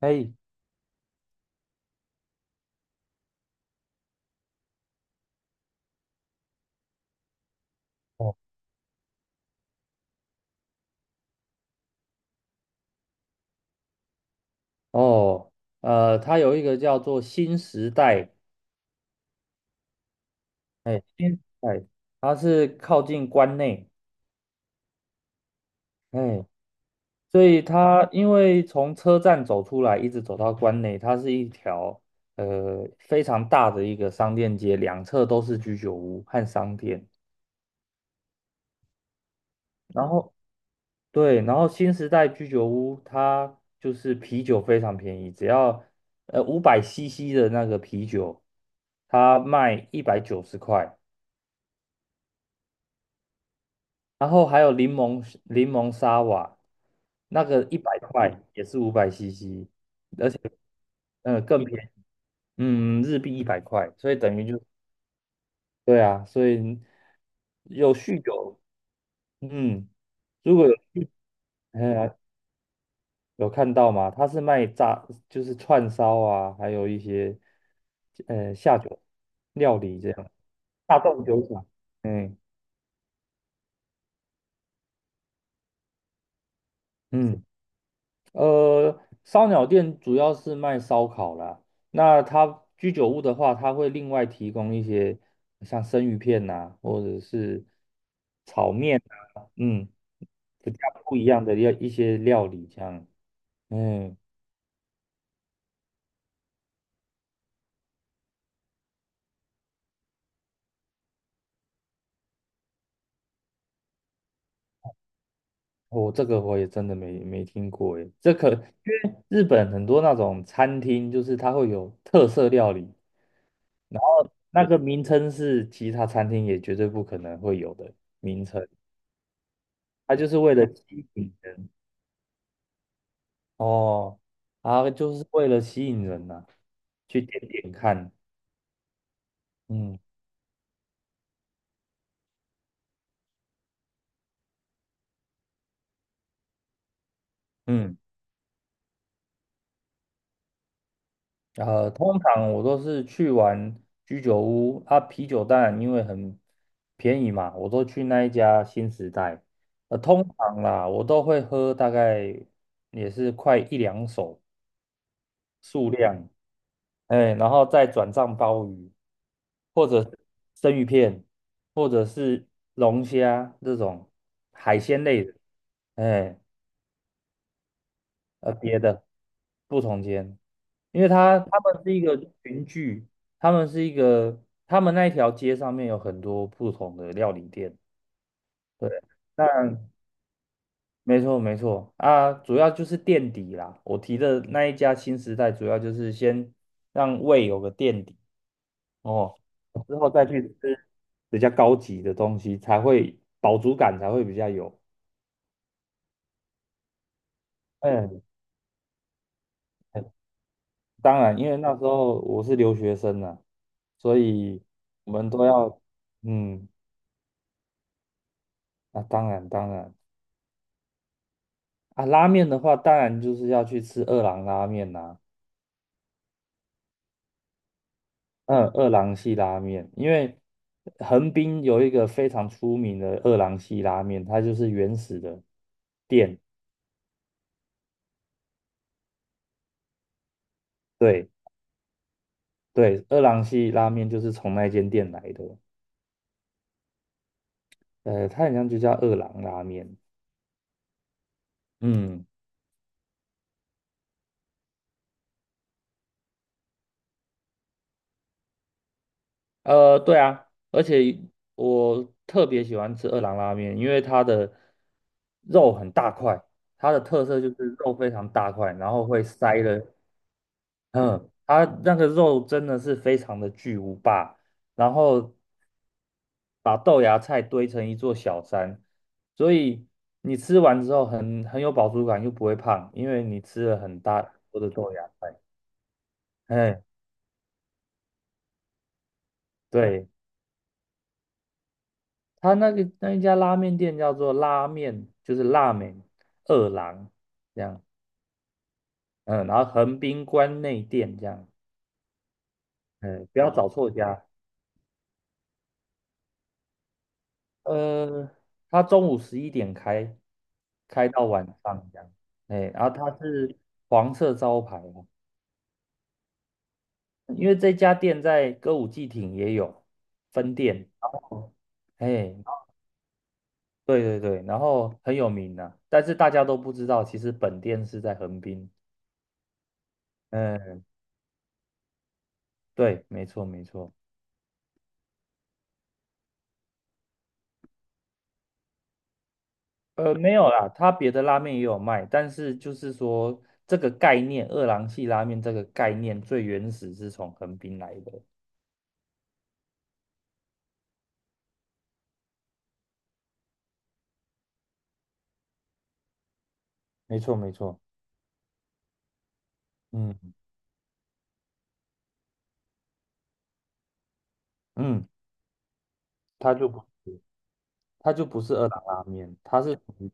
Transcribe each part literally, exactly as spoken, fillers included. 哎，哦，哦，呃，它有一个叫做新时代，哎，新时代，它是靠近关内，哎，所以它因为从车站走出来，一直走到关内，它是一条呃非常大的一个商店街，两侧都是居酒屋和商店。然后对，然后新时代居酒屋它就是啤酒非常便宜，只要呃五百 CC 的那个啤酒，它卖一百九十块。然后还有柠檬柠檬沙瓦，那个一百块也是五百 CC,而且嗯呃更便宜，嗯，日币一百块，所以等于就对啊，所以有酗酒，嗯，如果有呃有看到吗？他是卖炸，就是串烧啊，还有一些呃下酒料理这样，大众酒厂，嗯嗯，呃，烧鸟店主要是卖烧烤啦。那它居酒屋的话，它会另外提供一些像生鱼片呐、或者是炒面啊，嗯，比较不一样的料一些料理这样。嗯，我、这个我也真的没没听过诶，这可因为日本很多那种餐厅，就是它会有特色料理，然后那个名称是其他餐厅也绝对不可能会有的名称，它就是为了吸引人。哦，啊，就是为了吸引人呐、去点点看，嗯嗯，呃，通常我都是去玩居酒屋啊，啤酒当然因为很便宜嘛，我都去那一家新时代，呃，通常啦，我都会喝大概也是快一两手数量，哎，然后再转账鲍鱼，或者是生鱼片，或者是龙虾这种海鲜类的，哎。呃，别的不同间，因为他他们是一个群聚，他们是一个，他们那一条街上面有很多不同的料理店。对，那没错没错啊，主要就是垫底啦。我提的那一家新时代，主要就是先让胃有个垫底哦，之后再去吃比较高级的东西，才会饱足感才会比较有。嗯，当然，因为那时候我是留学生啊，所以我们都要，嗯，那、当然当然啊，拉面的话，当然就是要去吃二郎拉面啦、嗯，二郎系拉面，因为横滨有一个非常出名的二郎系拉面，它就是原始的店，对对，二郎系拉面就是从那间店来的，呃，它好像就叫二郎拉面，嗯。呃，对啊，而且我特别喜欢吃二郎拉面，因为它的肉很大块，它的特色就是肉非常大块，然后会塞了，嗯，它那个肉真的是非常的巨无霸，然后把豆芽菜堆成一座小山，所以你吃完之后很很有饱足感，又不会胖，因为你吃了很大很多的豆芽菜，嗯，对。他那个那一家拉面店叫做拉面，就是拉面二郎这样，嗯，然后横滨关内店这样，嗯，不要找错家。呃，他中午十一点开，开到晚上这样，哎，然后他是黄色招牌哦，因为这家店在歌舞伎町也有分店，然后，哎，对对对，然后很有名呐、但是大家都不知道，其实本店是在横滨。嗯，对，没错没错。呃，没有啦，他别的拉面也有卖，但是就是说这个概念，二郎系拉面这个概念最原始是从横滨来的。没错，没错，嗯嗯，它就不是，它就不是二郎拉面，它是属于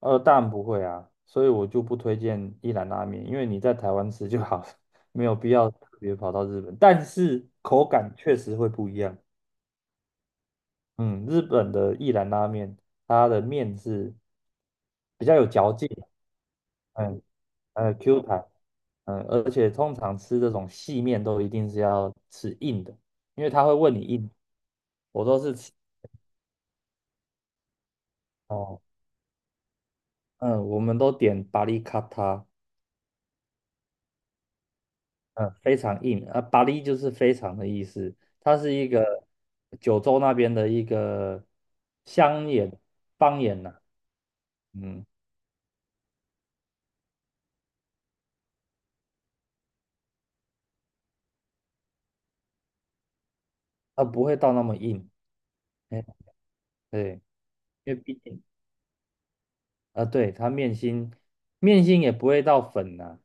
呃，当然不会啊，所以我就不推荐一兰拉面，因为你在台湾吃就好了，没有必要特别跑到日本，但是口感确实会不一样。嗯，日本的一兰拉面，它的面是比较有嚼劲。嗯。呃，Q 弹，嗯，而且通常吃这种细面都一定是要吃硬的，因为他会问你硬，我都是吃哦，嗯，我们都点巴力卡塔，嗯，非常硬啊，巴力就是非常的意思，它是一个九州那边的一个乡野方言呐、嗯，它不会到那么硬，哎，对，因为毕竟。啊，对，它面心，面心也不会到粉呐、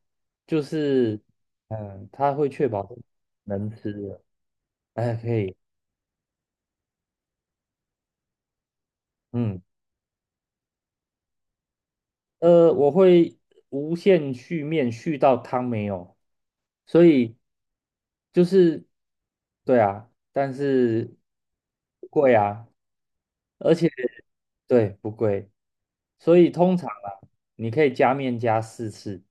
就是嗯，它会确保是能吃的，哎，可以，嗯，呃，我会无限续面续到汤没有，所以就是对啊，但是不贵啊，而且对不贵，所以通常啊，你可以加面加四次，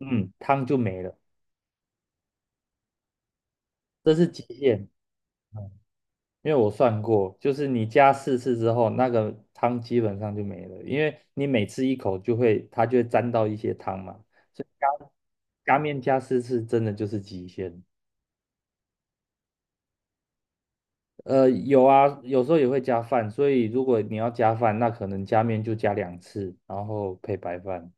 嗯，汤就没了，这是极限。因为我算过，就是你加四次之后，那个汤基本上就没了，因为你每次一口就会，它就会沾到一些汤嘛，所以加加面加四次真的就是极限。呃，有啊，有时候也会加饭，所以如果你要加饭，那可能加面就加两次，然后配白饭，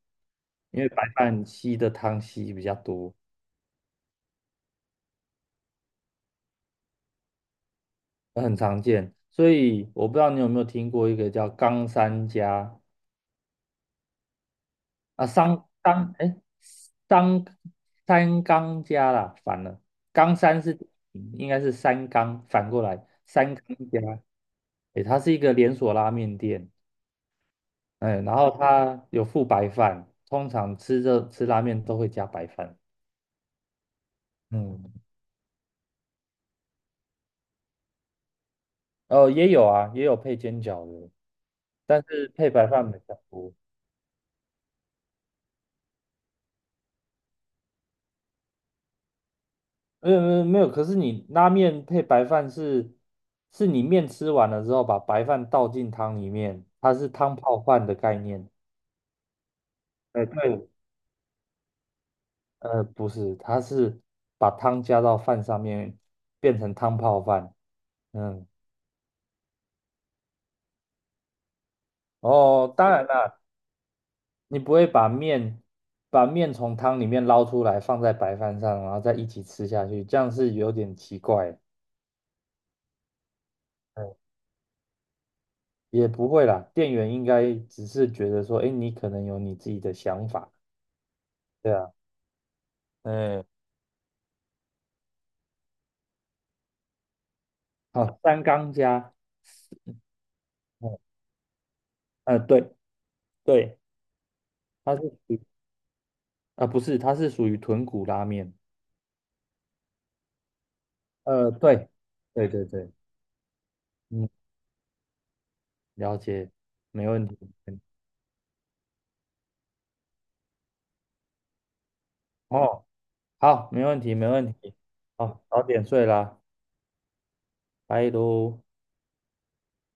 因为白饭吸的汤吸比较多，很常见。所以我不知道你有没有听过一个叫冈山加。啊，三商哎，三三冈家啦，反了，冈三是应该是三冈，反过来三冈家，哎，它是一个连锁拉面店，哎，然后它有附白饭，通常吃这吃拉面都会加白饭，嗯，哦，也有啊，也有配煎饺的，但是配白饭比较多，没有没有没有，可是你拉面配白饭是是你面吃完了之后把白饭倒进汤里面，它是汤泡饭的概念。哎，对，呃，不是，它是把汤加到饭上面，变成汤泡饭。嗯，哦，当然啦，你不会把面把面从汤里面捞出来，放在白饭上，然后再一起吃下去，这样是有点奇怪。嗯，也不会啦，店员应该只是觉得说，哎，你可能有你自己的想法。对啊，嗯，好，三缸加，嗯，呃，对对，它是属于啊，不是，它是属于豚骨拉面。呃，对，对对对，嗯，了解，没问题。哦，好，没问题，没问题。好，早点睡啦，拜喽。